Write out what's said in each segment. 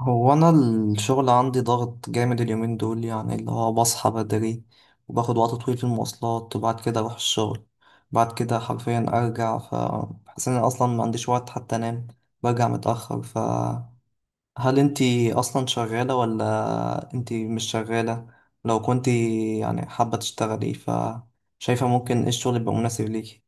هو انا الشغل عندي ضغط جامد اليومين دول يعني اللي هو بصحى بدري، وباخد وقت طويل في المواصلات وبعد كده اروح الشغل. بعد كده حرفيا ارجع فحاسس ان أنا اصلا ما عنديش وقت حتى انام. برجع متاخر، فهل انتي اصلا شغاله ولا انتي مش شغاله؟ لو كنتي يعني حابه تشتغلي، فشايفه ممكن ايه الشغل يبقى مناسب ليكي؟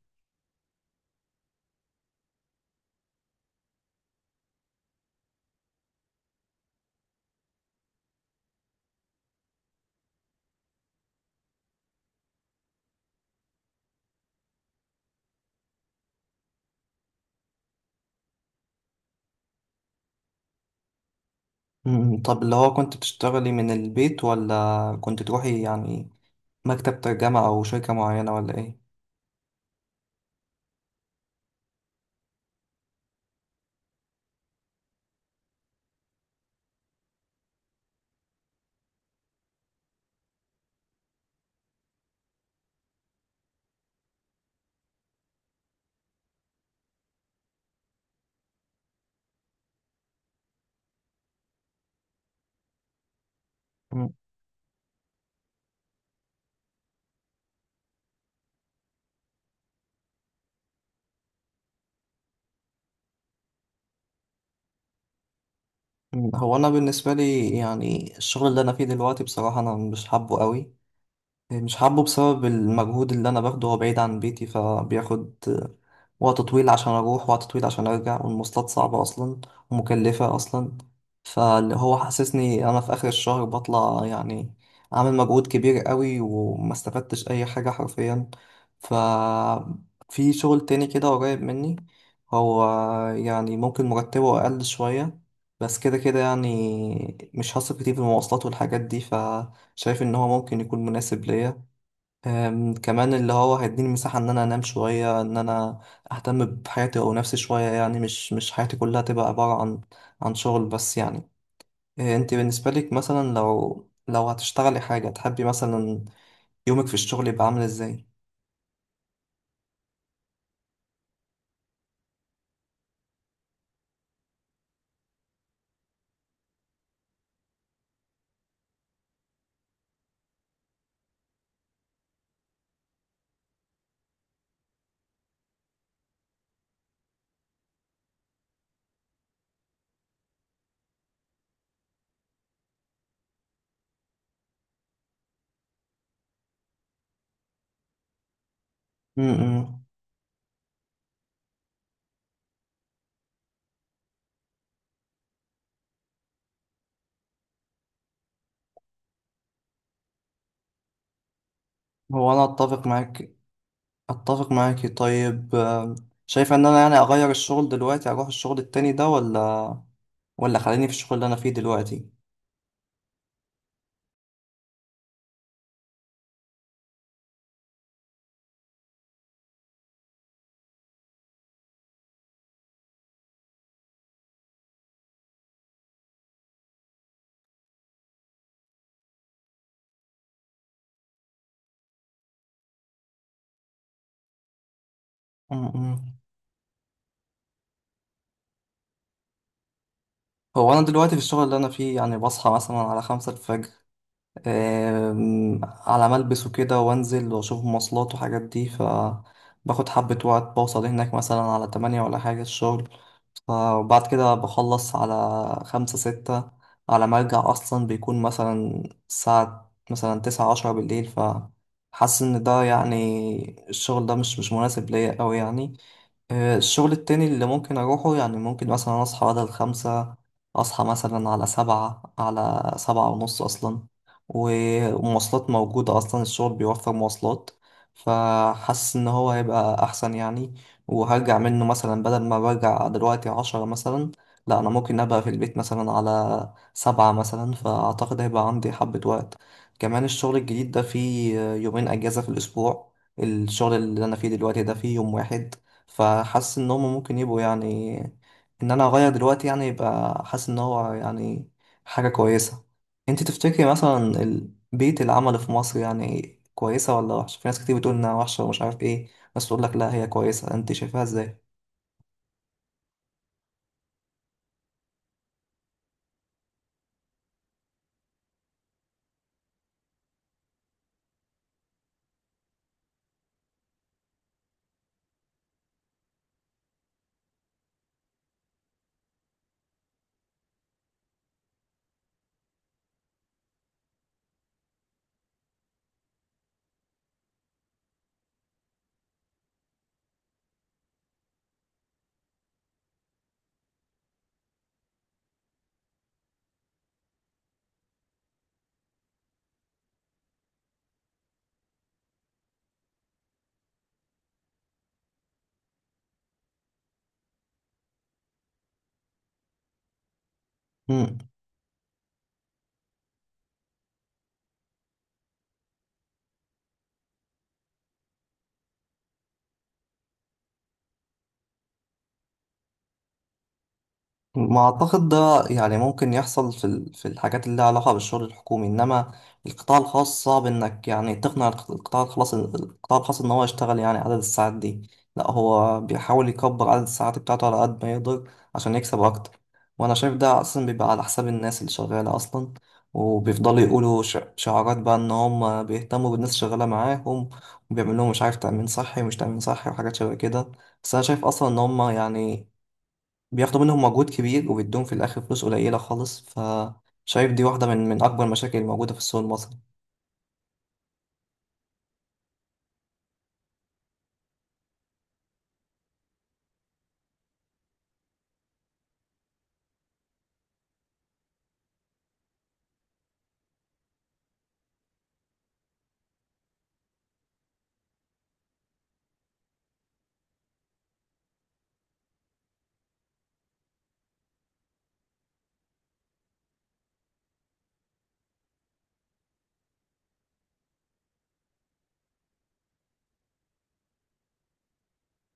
مم. طب اللي هو كنت بتشتغلي من البيت ولا كنت تروحي يعني مكتب ترجمة أو شركة معينة ولا إيه؟ مم. مم. هو أنا بالنسبة لي يعني الشغل اللي أنا فيه دلوقتي بصراحة أنا مش حابه قوي. مش حابه بسبب المجهود اللي انا باخده، هو بعيد عن بيتي فبياخد وقت طويل عشان اروح، وقت طويل عشان ارجع، والمواصلات صعبة اصلا ومكلفة اصلا. فاللي هو حسسني انا في اخر الشهر بطلع يعني عامل مجهود كبير قوي وما استفدتش اي حاجة حرفيا. ف في شغل تاني كده قريب مني، هو يعني ممكن مرتبه اقل شوية، بس كده كده يعني مش هصرف كتير في المواصلات والحاجات دي. شايف ان هو ممكن يكون مناسب ليا. كمان اللي هو هيديني مساحة ان انا انام شوية، ان انا اهتم بحياتي او نفسي شوية، يعني مش حياتي كلها تبقى عبارة عن عن شغل بس يعني. انت بالنسبة لك مثلا لو هتشتغلي حاجة تحبي مثلا، يومك في الشغل يبقى عامل ازاي؟ امم هو انا اتفق معاك، اتفق معاكي. طيب شايفة ان انا يعني اغير الشغل دلوقتي اروح الشغل التاني ده، ولا خليني في الشغل اللي انا فيه دلوقتي؟ امم هو أنا دلوقتي في الشغل اللي أنا فيه يعني بصحى مثلا على 5 الفجر، على ما ألبس وكده وأنزل وأشوف مواصلات وحاجات دي، فباخد حبة وقت، بوصل هناك مثلا على 8 ولا حاجة الشغل. فبعد كده بخلص على 5 6، على ما أرجع أصلا بيكون مثلا الساعة مثلا 9 10 بالليل. فحاسس إن ده يعني الشغل ده مش مناسب ليا أوي يعني. الشغل التاني اللي ممكن أروحه يعني ممكن مثلا أصحى بدل 5، أصحى مثلا على 7، على 7 ونص أصلا. و- والمواصلات موجودة أصلا، الشغل بيوفر مواصلات، فحاسس إن هو هيبقى أحسن يعني. وهرجع منه مثلا بدل ما برجع دلوقتي 10 مثلا، لا أنا ممكن أبقى في البيت مثلا على 7 مثلا، فأعتقد هيبقى عندي حبة وقت. كمان الشغل الجديد ده فيه يومين أجازة في الأسبوع، الشغل اللي أنا فيه دلوقتي ده فيه يوم واحد. فحاسس ان هم ممكن يبقوا يعني، ان انا اغير دلوقتي يعني يبقى، حاسس ان هو يعني حاجة كويسة. انت تفتكري مثلا بيئة العمل في مصر يعني كويسة ولا وحشة؟ في ناس كتير بتقول انها وحشة ومش عارف ايه، بس تقول لك لا هي كويسة، انت شايفاها ازاي؟ ما أعتقد ده يعني ممكن يحصل في في الحاجات اللي لها علاقة بالشغل الحكومي، إنما القطاع الخاص صعب إنك يعني تقنع القطاع الخاص، القطاع الخاص إن هو يشتغل يعني عدد الساعات دي. لا هو بيحاول يكبر عدد الساعات بتاعته على قد ما يقدر عشان يكسب أكتر. وأنا شايف ده أصلا بيبقى على حساب الناس اللي شغالة أصلا، وبيفضلوا يقولوا شعارات بقى إن هم بيهتموا بالناس اللي شغالة معاهم، وبيعملوا لهم مش عارف تأمين صحي ومش تأمين صحي وحاجات شبه كده. بس أنا شايف أصلا إن هم يعني بياخدوا منهم مجهود كبير وبيدوهم في الآخر فلوس قليلة خالص، فشايف دي واحدة من أكبر المشاكل الموجودة في السوق المصري.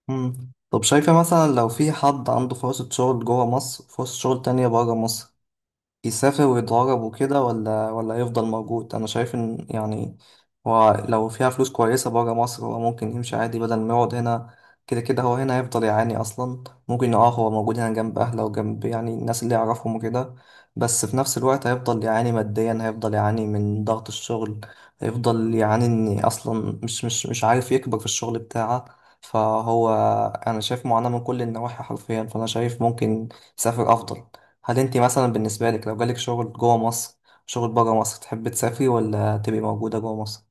مم. طب شايفة مثلا لو في حد عنده فرصة شغل جوه مصر وفرصة شغل تانية بره مصر، يسافر ويتغرب وكده، ولا يفضل موجود؟ انا شايف ان يعني هو لو فيها فلوس كويسه بره مصر هو ممكن يمشي عادي بدل ما يقعد هنا. كده كده هو هنا هيفضل يعاني اصلا. ممكن اه هو موجود هنا جنب اهله وجنب يعني الناس اللي يعرفهم وكده، بس في نفس الوقت هيفضل يعاني ماديا، هيفضل يعاني من ضغط الشغل، هيفضل يعاني ان اصلا مش عارف يكبر في الشغل بتاعه. فهو انا شايف معاناه من كل النواحي حرفيا، فانا شايف ممكن يسافر افضل. هل انت مثلا بالنسبة لك لو جالك شغل جوه مصر، شغل بره مصر، تحب تسافري ولا تبقي موجودة جوه مصر؟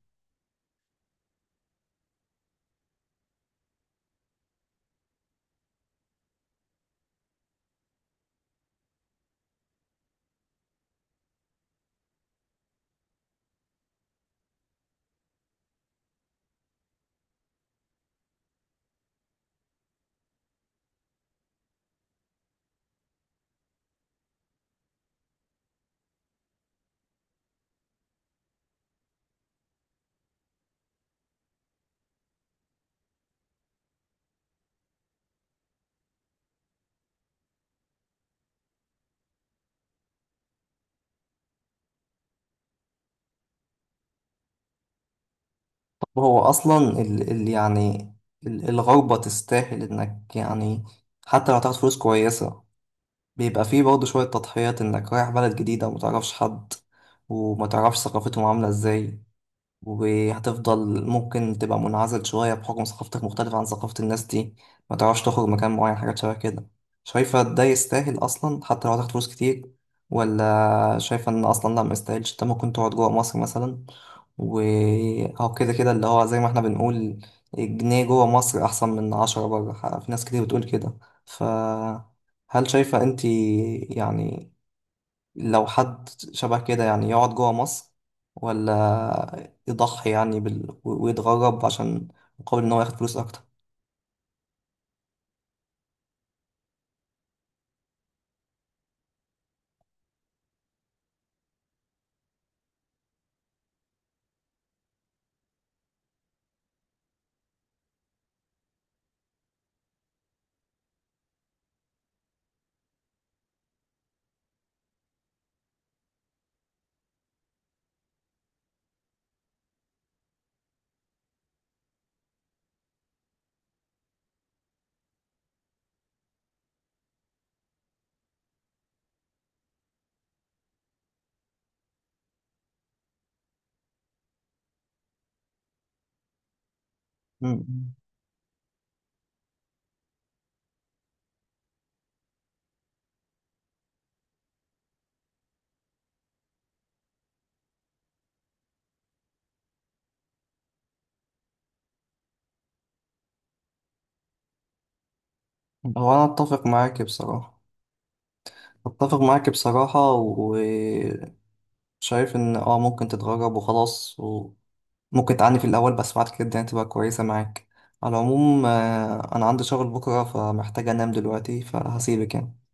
طب هو أصلا ال يعني ال الغربة تستاهل إنك يعني، حتى لو هتاخد فلوس كويسة، بيبقى فيه برضه شوية تضحيات، إنك رايح بلد جديدة ومتعرفش حد، ومتعرفش ثقافتهم عاملة إزاي، وهتفضل ممكن تبقى منعزل شوية بحكم ثقافتك مختلفة عن ثقافة الناس دي، ما تعرفش تخرج مكان معين، حاجات شبه كده. شايفة ده يستاهل أصلا حتى لو هتاخد فلوس كتير، ولا شايفة إن أصلا لا ما يستاهلش، أنت ممكن تقعد جوه مصر مثلا، وهو كده كده اللي هو زي ما احنا بنقول، جنيه جوه مصر أحسن من 10 بره، في ناس كتير بتقول كده. فهل شايفة أنت يعني لو حد شبه كده يعني يقعد جوه مصر، ولا يضحي يعني بال... ويتغرب عشان مقابل ان هو ياخد فلوس اكتر؟ مم. هو انا اتفق معاك بصراحة، اتفق معاك بصراحة، وشايف ان اه ممكن تتغرب وخلاص، وممكن تعاني في الاول بس بعد كده يعني تبقى كويسة معاك. على العموم، انا عندي شغل بكرة فمحتاج انام دلوقتي فهسيبك يعني.